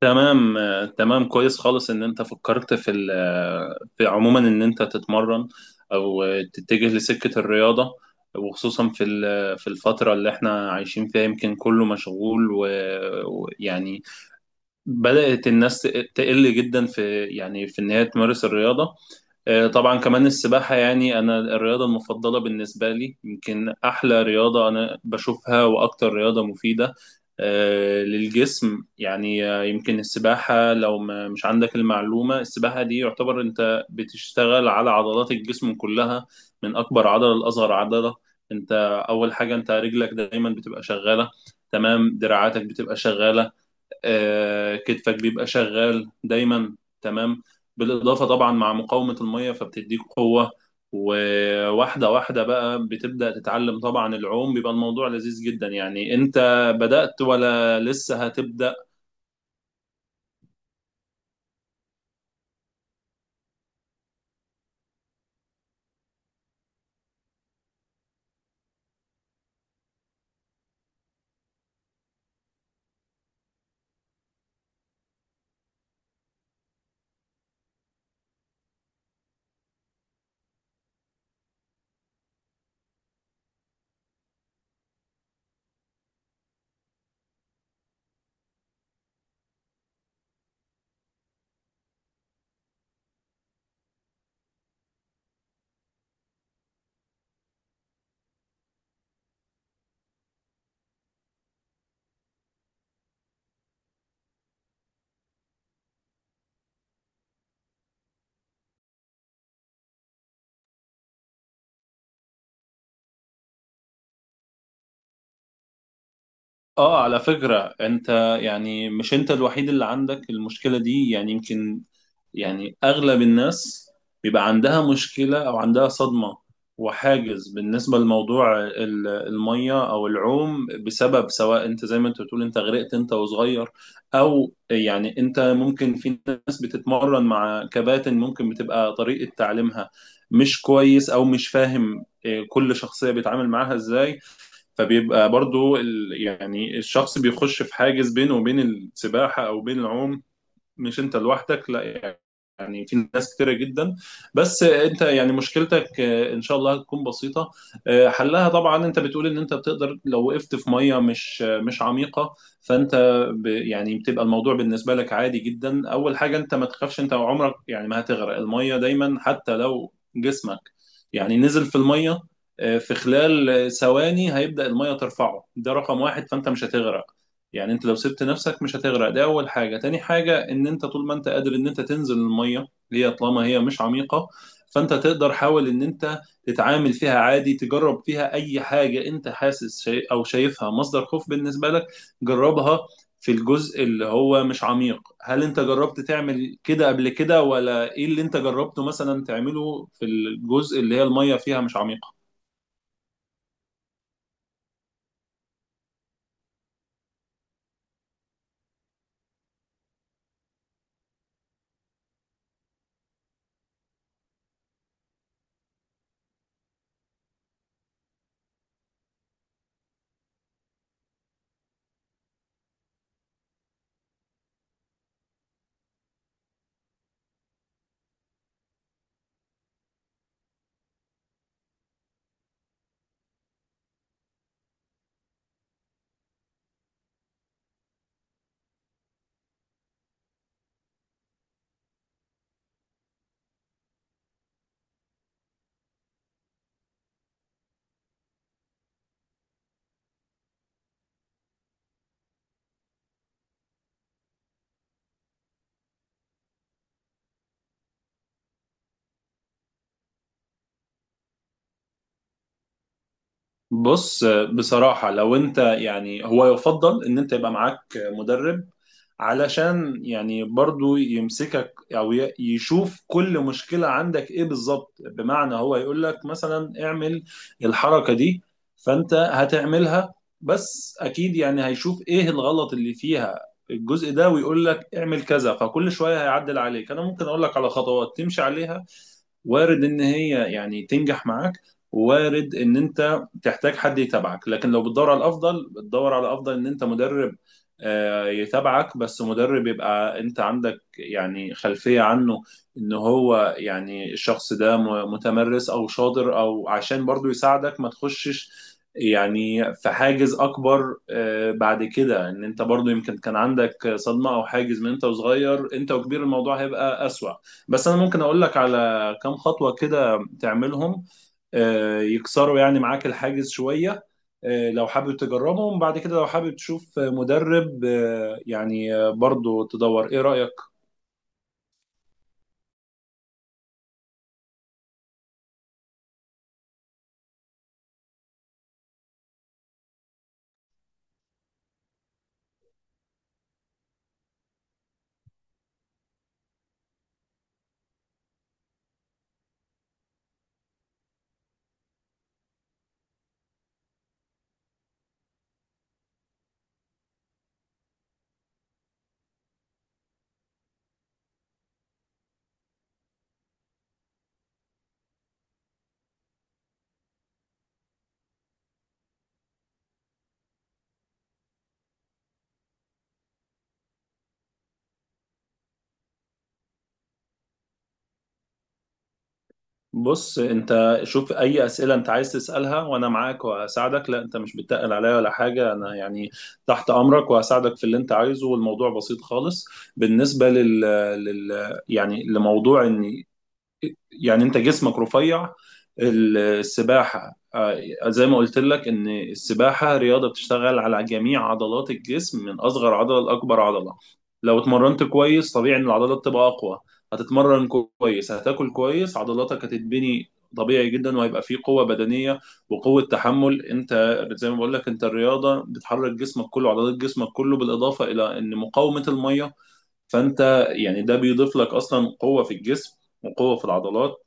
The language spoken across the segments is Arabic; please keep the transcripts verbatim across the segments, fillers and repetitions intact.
تمام، آه، تمام، كويس خالص ان انت فكرت في ال- آه، في عموما ان انت تتمرن او آه، تتجه لسكة الرياضة، وخصوصا في ال- آه، في الفترة اللي احنا عايشين فيها، يمكن كله مشغول و- ويعني بدأت الناس تقل جدا في، يعني، في ان هي تمارس الرياضة. آه، طبعا كمان السباحة، يعني أنا الرياضة المفضلة بالنسبة لي، يمكن أحلى رياضة أنا بشوفها وأكتر رياضة مفيدة آه، للجسم. يعني آه، يمكن السباحة، لو ما مش عندك المعلومة، السباحة دي يعتبر أنت بتشتغل على عضلات الجسم كلها، من أكبر عضلة لأصغر عضلة. أنت أول حاجة أنت رجلك دايما بتبقى شغالة، تمام، دراعاتك بتبقى شغالة، آه، كتفك بيبقى شغال دايما، تمام. بالإضافة طبعا مع مقاومة المية فبتديك قوة. وواحدة واحدة بقى بتبدأ تتعلم، طبعا العوم بيبقى الموضوع لذيذ جدا. يعني انت بدأت ولا لسه هتبدأ؟ اه، على فكرة انت، يعني، مش انت الوحيد اللي عندك المشكلة دي. يعني يمكن، يعني، اغلب الناس بيبقى عندها مشكله او عندها صدمه وحاجز بالنسبه لموضوع ال- الميه او العوم، بسبب، سواء انت زي ما انت بتقول انت غرقت انت وصغير، او يعني انت ممكن، في ناس بتتمرن مع كباتن ممكن بتبقى طريقه تعليمها مش كويس او مش فاهم إيه، كل شخصيه بيتعامل معاها ازاي. فبيبقى برضو ال- يعني الشخص بيخش في حاجز بينه وبين السباحه او بين العوم. مش انت لوحدك، لا يعني، يعني في ناس كتيرة جدا. بس انت، يعني، مشكلتك آه، ان شاء الله هتكون بسيطة. آه، حلها، طبعا انت بتقول ان انت بتقدر لو وقفت في مية مش آه، مش عميقة، فانت، ب يعني بتبقى الموضوع بالنسبة لك عادي جدا. اول حاجة، انت ما تخافش، انت عمرك، يعني، ما هتغرق. المية دايما حتى لو جسمك، يعني، نزل في المية، آه، في خلال ثواني هيبدأ المية ترفعه، ده رقم واحد فانت مش هتغرق. يعني انت لو سبت نفسك مش هتغرق، دي اول حاجة. تاني حاجة ان انت طول ما انت قادر ان انت تنزل المية، اللي هي طالما هي مش عميقة، فانت تقدر، حاول ان انت تتعامل فيها عادي، تجرب فيها اي حاجة انت حاسس شي او شايفها مصدر خوف بالنسبة لك، جربها في الجزء اللي هو مش عميق. هل انت جربت تعمل كده قبل كده ولا ايه اللي انت جربته مثلا تعمله في الجزء اللي هي المية فيها مش عميقة؟ بص، بصراحة، لو انت، يعني، هو يفضل ان انت يبقى معاك مدرب، علشان يعني برضو يمسكك او ي- يشوف كل مشكلة عندك ايه بالظبط. بمعنى هو يقول لك مثلا اعمل الحركة دي، فانت هتعملها، بس اكيد يعني هيشوف ايه الغلط اللي فيها الجزء ده ويقول لك اعمل كذا، فكل شوية هيعدل عليك. انا ممكن اقول لك على خطوات تمشي عليها، وارد ان هي، يعني، تنجح معاك، وارد ان انت تحتاج حد يتابعك. لكن لو بتدور على الافضل، بتدور على الافضل ان انت مدرب آه، يتابعك، بس مدرب يبقى انت عندك، يعني، خلفية عنه، ان هو، يعني، الشخص ده م- متمرس او شاطر، او عشان برضو يساعدك ما تخشش، يعني، في حاجز اكبر آه، بعد كده، ان انت برضو يمكن كان عندك صدمة او حاجز من انت وصغير، انت وكبير الموضوع هيبقى اسوأ. بس انا ممكن اقول لك على كام خطوة كده تعملهم آه، يكسروا يعني معاك الحاجز شوية. آه، لو حابب تجربهم، بعد كده لو حابب تشوف مدرب آه، يعني آه، برضو تدور. ايه رأيك؟ بص، انت شوف اي أسئلة انت عايز تسألها وانا معاك وهساعدك. لا انت مش بتقل عليا ولا حاجة، انا، يعني، تحت امرك وهساعدك في اللي انت عايزه، والموضوع بسيط خالص. بالنسبة لل, لل... يعني لموضوع ان، يعني، انت جسمك رفيع. السباحة، آه، زي ما قلت لك ان السباحة رياضة بتشتغل على جميع عضلات الجسم من اصغر عضلة لاكبر عضلة. لو اتمرنت كويس، طبيعي ان العضلات تبقى اقوى. هتتمرن كويس، هتاكل كويس، عضلاتك هتتبني طبيعي جدا، وهيبقى فيه قوة بدنية وقوة تحمل. انت زي ما بقول لك، انت الرياضة بتحرك جسمك كله، عضلات جسمك كله، بالاضافة الى ان مقاومة المية، فانت، يعني، ده بيضيف لك اصلا قوة في الجسم وقوة في العضلات.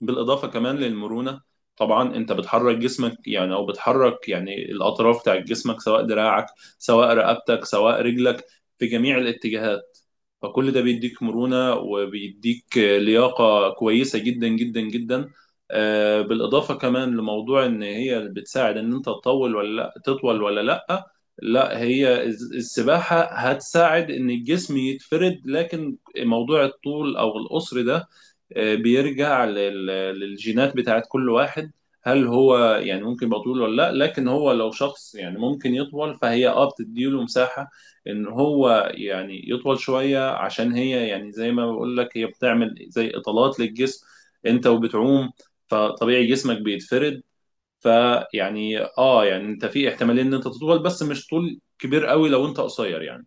بالاضافه كمان للمرونه، طبعا انت بتحرك جسمك، يعني، او بتحرك، يعني، الاطراف بتاعت جسمك، سواء دراعك، سواء رقبتك، سواء رجلك، في جميع الاتجاهات. فكل ده بيديك مرونه وبيديك لياقه كويسه جدا جدا جدا. آه، بالاضافه كمان لموضوع ان هي بتساعد ان انت تطول ولا لا، تطول ولا لا، لا هي الز- السباحه هتساعد ان الجسم يتفرد، لكن موضوع الطول او القصر ده آه، بيرجع لل- للجينات بتاعت كل واحد. هل هو، يعني، ممكن يبقى طويل ولا لا؟ لكن هو لو شخص، يعني، ممكن يطول، فهي اه بتديله مساحة ان هو، يعني، يطول شوية، عشان هي، يعني، زي ما بقول لك، هي بتعمل زي اطالات للجسم. انت وبتعوم، فطبيعي جسمك بيتفرد. فيعني اه يعني انت في احتمالية ان انت تطول، بس مش طول كبير قوي لو انت قصير يعني.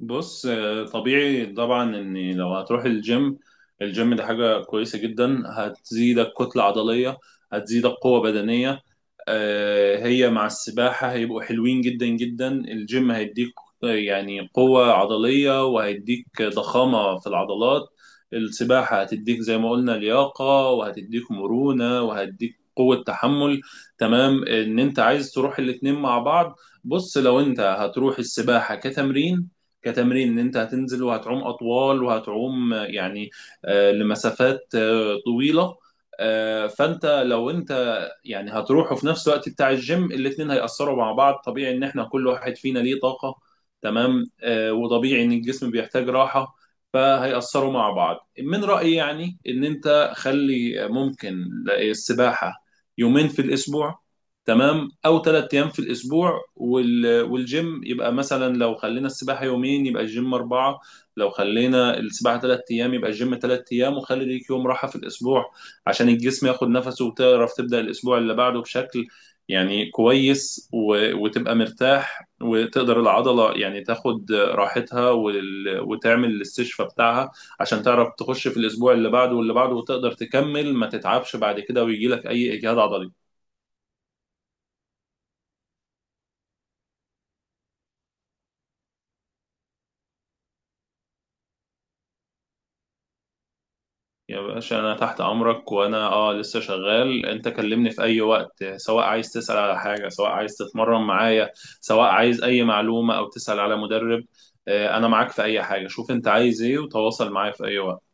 بص، آه، طبيعي طبعا ان لو هتروح الجيم، الجيم ده حاجة كويسة جدا، هتزيدك كتلة عضلية، هتزيدك قوة بدنية. آه، هي مع السباحة هيبقوا حلوين جدا جدا. الجيم هيديك آه، يعني قوة عضلية وهيديك ضخامة في العضلات. السباحة هتديك، زي ما قلنا، لياقة وهتديك مرونة وهتديك قوة تحمل. تمام، ان انت عايز تروح الاتنين مع بعض. بص، لو انت هتروح السباحة كتمرين، كتمرين ان انت هتنزل وهتعوم اطوال وهتعوم آه، يعني آه، لمسافات آه، طويلة، آه، فانت لو انت، يعني، هتروح وفي نفس الوقت بتاع الجيم، الاتنين هيأثروا مع بعض. طبيعي ان احنا كل واحد فينا ليه طاقة، تمام، آه وطبيعي ان الجسم بيحتاج راحة، فهيأثروا مع بعض. من رأيي، يعني، ان انت خلي ممكن السباحة يومين في الاسبوع، تمام، او ثلاث ايام في الاسبوع وال... والجيم يبقى مثلا، لو خلينا السباحه يومين يبقى الجيم اربعه، لو خلينا السباحه تلات ايام يبقى الجيم تلات ايام. وخلي ليك يوم راحه في الاسبوع، عشان الجسم ياخد نفسه، وتعرف تبدأ الأسبوع اللي بعده بشكل، يعني، كويس، و... وتبقى مرتاح وتقدر العضلة، يعني، تاخد راحتها، وال... وتعمل الاستشفاء بتاعها، عشان تعرف تخش في الأسبوع اللي بعده واللي بعده وتقدر تكمل ما تتعبش بعد كده ويجيلك أي إجهاد عضلي. يا باشا، انا تحت امرك وانا، اه لسه شغال. انت كلمني في اي وقت، سواء عايز تسأل على حاجة، سواء عايز تتمرن معايا، سواء عايز اي معلومة او تسأل على مدرب. آه، انا معاك في اي حاجة، شوف انت عايز ايه وتواصل معايا في اي وقت.